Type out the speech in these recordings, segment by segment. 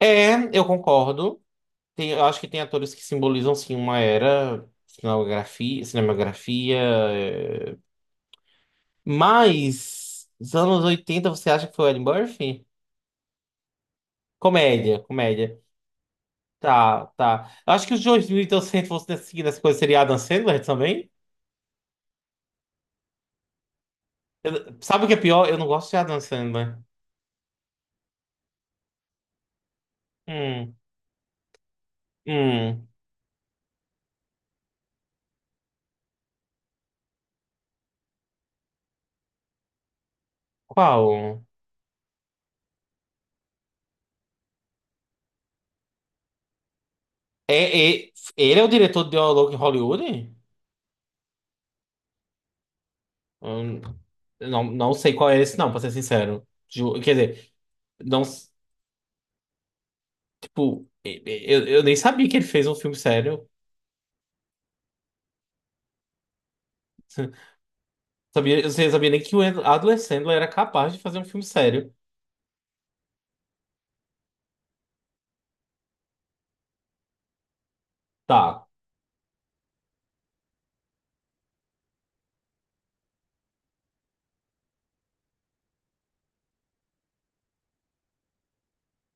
Eu concordo. Eu acho que tem atores que simbolizam, sim, uma era, cinematografia. Mas os anos 80, você acha que foi o Eddie Murphy? Comédia, comédia. Tá, tá. Eu acho que os 2200 fossem seguir nessa coisa, seria Adam Sandler também? Sabe o que é pior? Eu não gosto de Adam Sandler. Hum, hum. Qual? É, é- Ele é o diretor de Dialog em Hollywood? Hum, não, não sei qual é esse, não, pra ser sincero. Quer dizer, não. Tipo, eu nem sabia que ele fez um filme sério. Sabia, eu não sabia nem que o Adam Sandler era capaz de fazer um filme sério. Tá.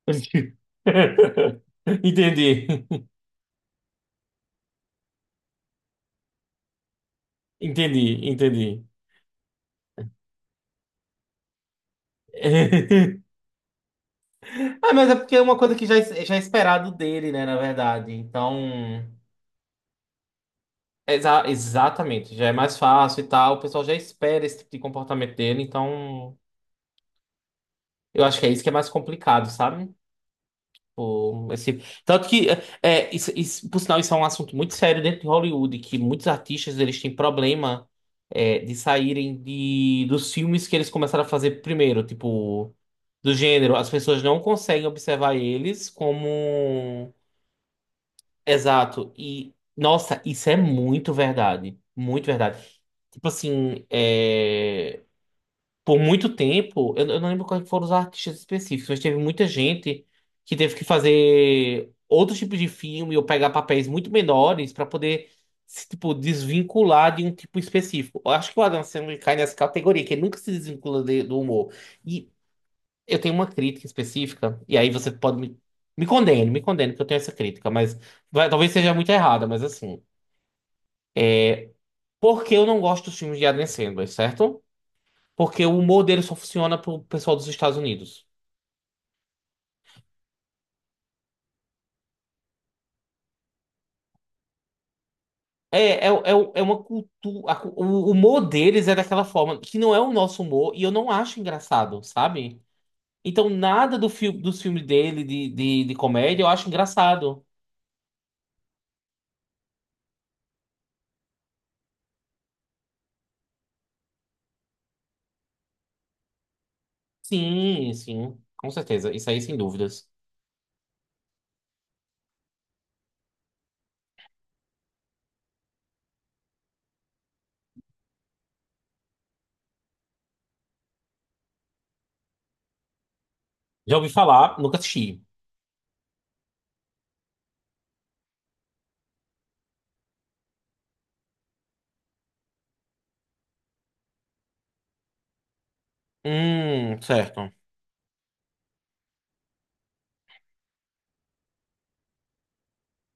Entendi. Entendi, entendi. Ah, mas é porque é uma coisa que já, já é esperado dele, né, na verdade. Então. Exatamente, já é mais fácil e tal. O pessoal já espera esse tipo de comportamento dele, então. Eu acho que é isso que é mais complicado, sabe? Pô, esse. Tanto que, isso, por sinal, isso é um assunto muito sério dentro de Hollywood, que muitos artistas eles têm problema de saírem dos filmes que eles começaram a fazer primeiro, tipo, do gênero. As pessoas não conseguem observar eles como. Exato. E, nossa, isso é muito verdade. Muito verdade. Tipo assim, por muito tempo, eu não lembro quais foram os artistas específicos, mas teve muita gente que teve que fazer outros tipos de filme ou pegar papéis muito menores para poder se, tipo, desvincular de um tipo específico. Eu acho que o Adam Sandler cai nessa categoria, que ele nunca se desvincula do humor. E eu tenho uma crítica específica, e aí você pode me condene, me condene, que eu tenho essa crítica, mas talvez seja muito errada, mas assim. Porque eu não gosto dos filmes de Adam Sandler, certo? Porque o humor dele só funciona pro pessoal dos Estados Unidos. É uma cultura. O humor deles é daquela forma, que não é o nosso humor, e eu não acho engraçado, sabe? Então, nada dos filmes dele de comédia eu acho engraçado. Sim, sim, com certeza. Isso aí, sem dúvidas. Já ouvi falar, nunca assisti. Certo.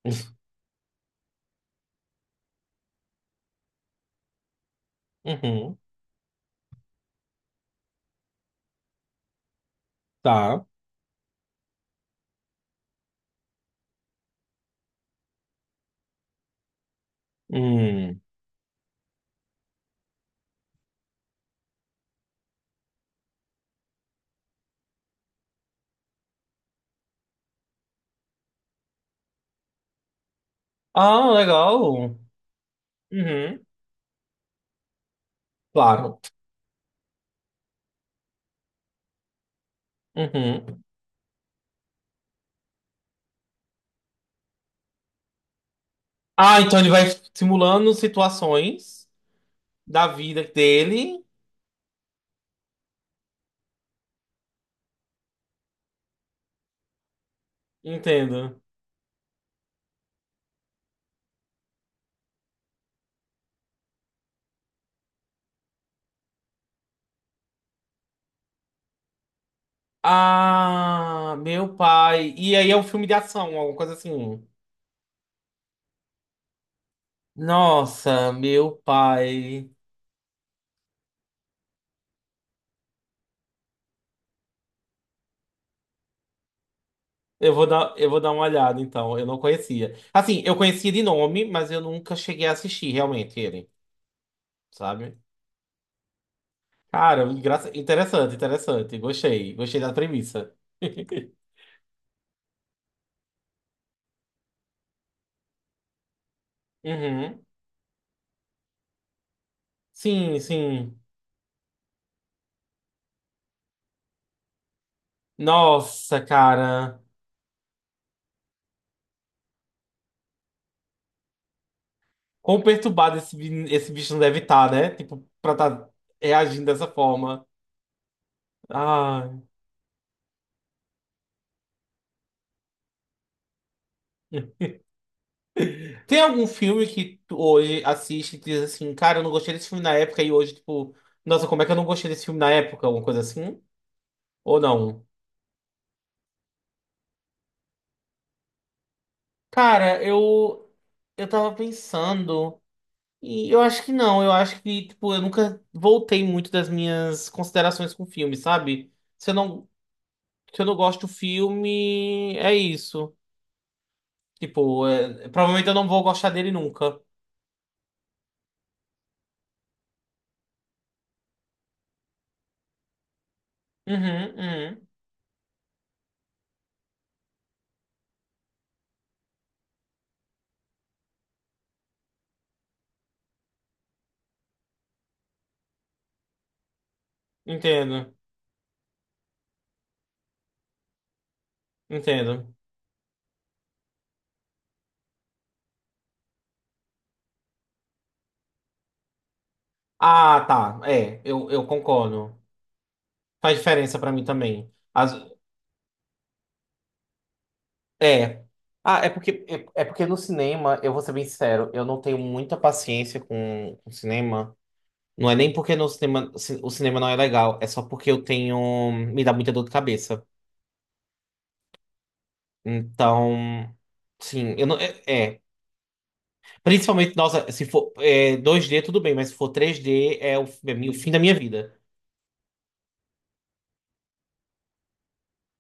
Uhum, tá. Hum. Ah, legal. Uhum, claro. Uhum. Ah, então ele vai simulando situações da vida dele. Entendo. Ah, meu pai. E aí é um filme de ação, alguma coisa assim. Nossa, meu pai. Eu vou dar uma olhada, então. Eu não conhecia. Assim, eu conhecia de nome, mas eu nunca cheguei a assistir realmente ele, sabe? Cara, interessante, interessante. Gostei, gostei da premissa. Uhum. Sim, sim. Nossa, cara. Quão perturbado esse bicho não deve estar, né? Tipo, pra estar reagindo dessa forma. Ah. Tem algum filme que tu hoje assiste e diz assim, cara, eu não gostei desse filme na época e hoje, tipo, nossa, como é que eu não gostei desse filme na época? Alguma coisa assim? Ou não? Cara, eu tava pensando e eu acho que não, eu acho que, tipo, eu nunca voltei muito das minhas considerações com o filme, sabe? Se eu não gosto do filme, é isso. Tipo, provavelmente eu não vou gostar dele nunca. Uhum, uhum. Entendo, entendo. Ah, tá. É, eu concordo. Faz diferença pra mim também. É. Ah, é porque, porque no cinema, eu vou ser bem sincero, eu não tenho muita paciência com o cinema. Não é nem porque no cinema, o cinema não é legal, é só porque eu tenho. Me dá muita dor de cabeça. Então, sim, eu não. É. é. Principalmente, nossa, se for 2D tudo bem, mas se for 3D é o fim da minha vida.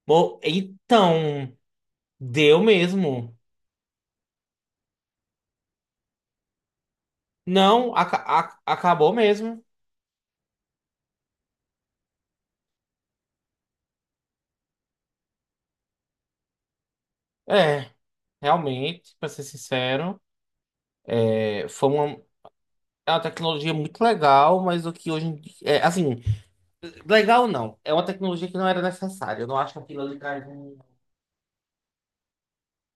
Bom, então, deu mesmo. Não, acabou mesmo. É. Realmente, para ser sincero, foi uma, é uma tecnologia muito legal, mas o que hoje em dia, assim, legal não, é uma tecnologia que não era necessária. Eu não acho que aquilo ali traz, um,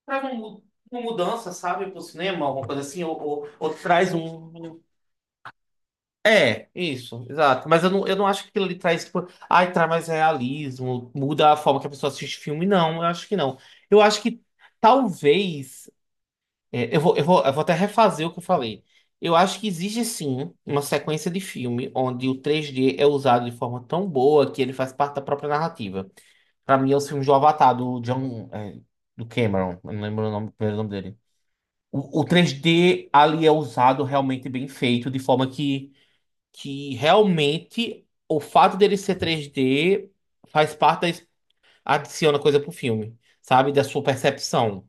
traz uma mudança, sabe, para o cinema, alguma coisa assim, ou traz um. É, isso, exato. Mas eu não acho que aquilo ali traz, tipo, ai, traz mais realismo, muda a forma que a pessoa assiste filme, não, eu acho que não. Eu acho que talvez. É, eu vou até refazer o que eu falei. Eu acho que existe sim uma sequência de filme onde o 3D é usado de forma tão boa que ele faz parte da própria narrativa. Pra mim, é os filmes do Avatar, do John, do Cameron, eu não lembro o primeiro nome dele. O 3D ali é usado realmente bem feito, de forma que realmente o fato dele ser 3D faz parte da, adiciona coisa pro filme, sabe? Da sua percepção.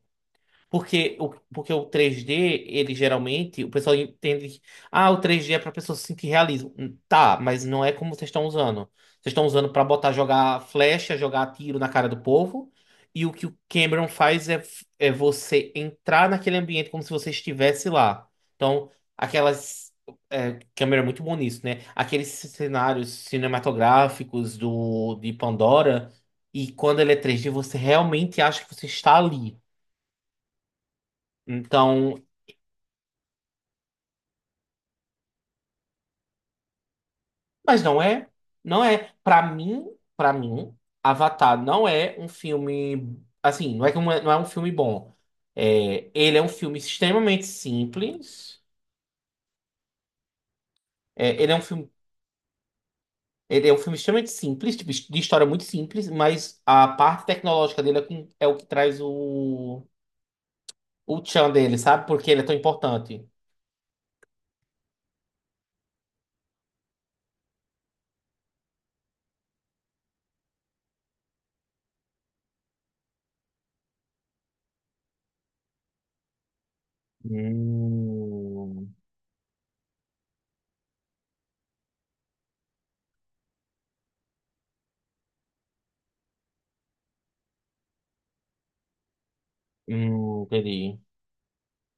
Porque o 3D, ele geralmente, o pessoal entende que, ah, o 3D é pra pessoa se sentir realismo. Tá, mas não é como vocês estão usando. Vocês estão usando pra botar, jogar flecha, jogar tiro na cara do povo. E o que o Cameron faz é você entrar naquele ambiente como se você estivesse lá. Então, aquelas. É, Cameron é muito bom nisso, né? Aqueles cenários cinematográficos de Pandora. E quando ele é 3D, você realmente acha que você está ali. Então. Mas não é, não é. Para mim, Avatar não é um filme assim, não é que não é um filme bom. É, ele é um filme extremamente simples. É, ele é um filme extremamente simples, tipo, de história muito simples, mas a parte tecnológica dele é, é o que traz o tchan dele, sabe? Por que ele é tão importante. Hum, entendi.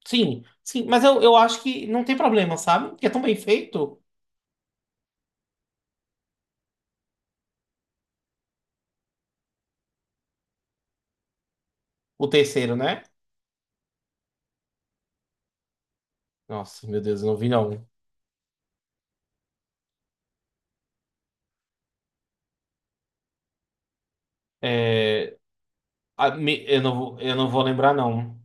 Sim, sim, mas eu acho que não tem problema, sabe? Porque é tão bem feito. O terceiro, né? Nossa, meu Deus, eu não vi não. É, eu não vou lembrar não.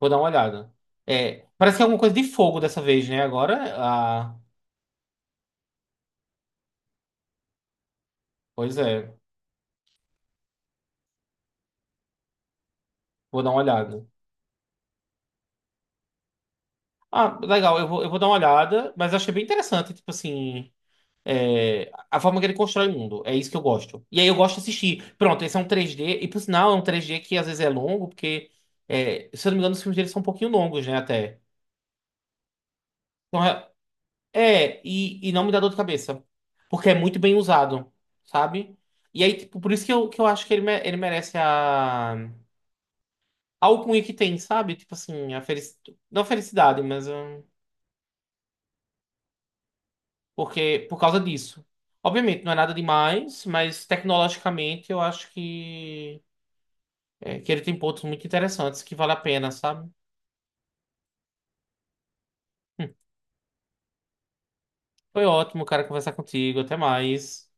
Vou dar uma olhada. É, parece que é alguma coisa de fogo dessa vez, né? Agora, ah, pois é. Vou dar uma olhada. Ah, legal, eu vou dar uma olhada, mas eu achei bem interessante, tipo assim, a forma que ele constrói o mundo. É isso que eu gosto. E aí eu gosto de assistir. Pronto, esse é um 3D e por sinal é um 3D que às vezes é longo, porque, se eu não me engano, os filmes dele são um pouquinho longos, né, até. Então, não me dá dor de cabeça, porque é muito bem usado, sabe? E aí, tipo, por isso que que eu acho que ele, ele merece a algo alcunha que tem, sabe? Tipo assim, não a felicidade, mas porque por causa disso. Obviamente, não é nada demais, mas tecnologicamente eu acho que, que ele tem pontos muito interessantes que vale a pena, sabe? Hum, Foi ótimo, cara, conversar contigo. Até mais.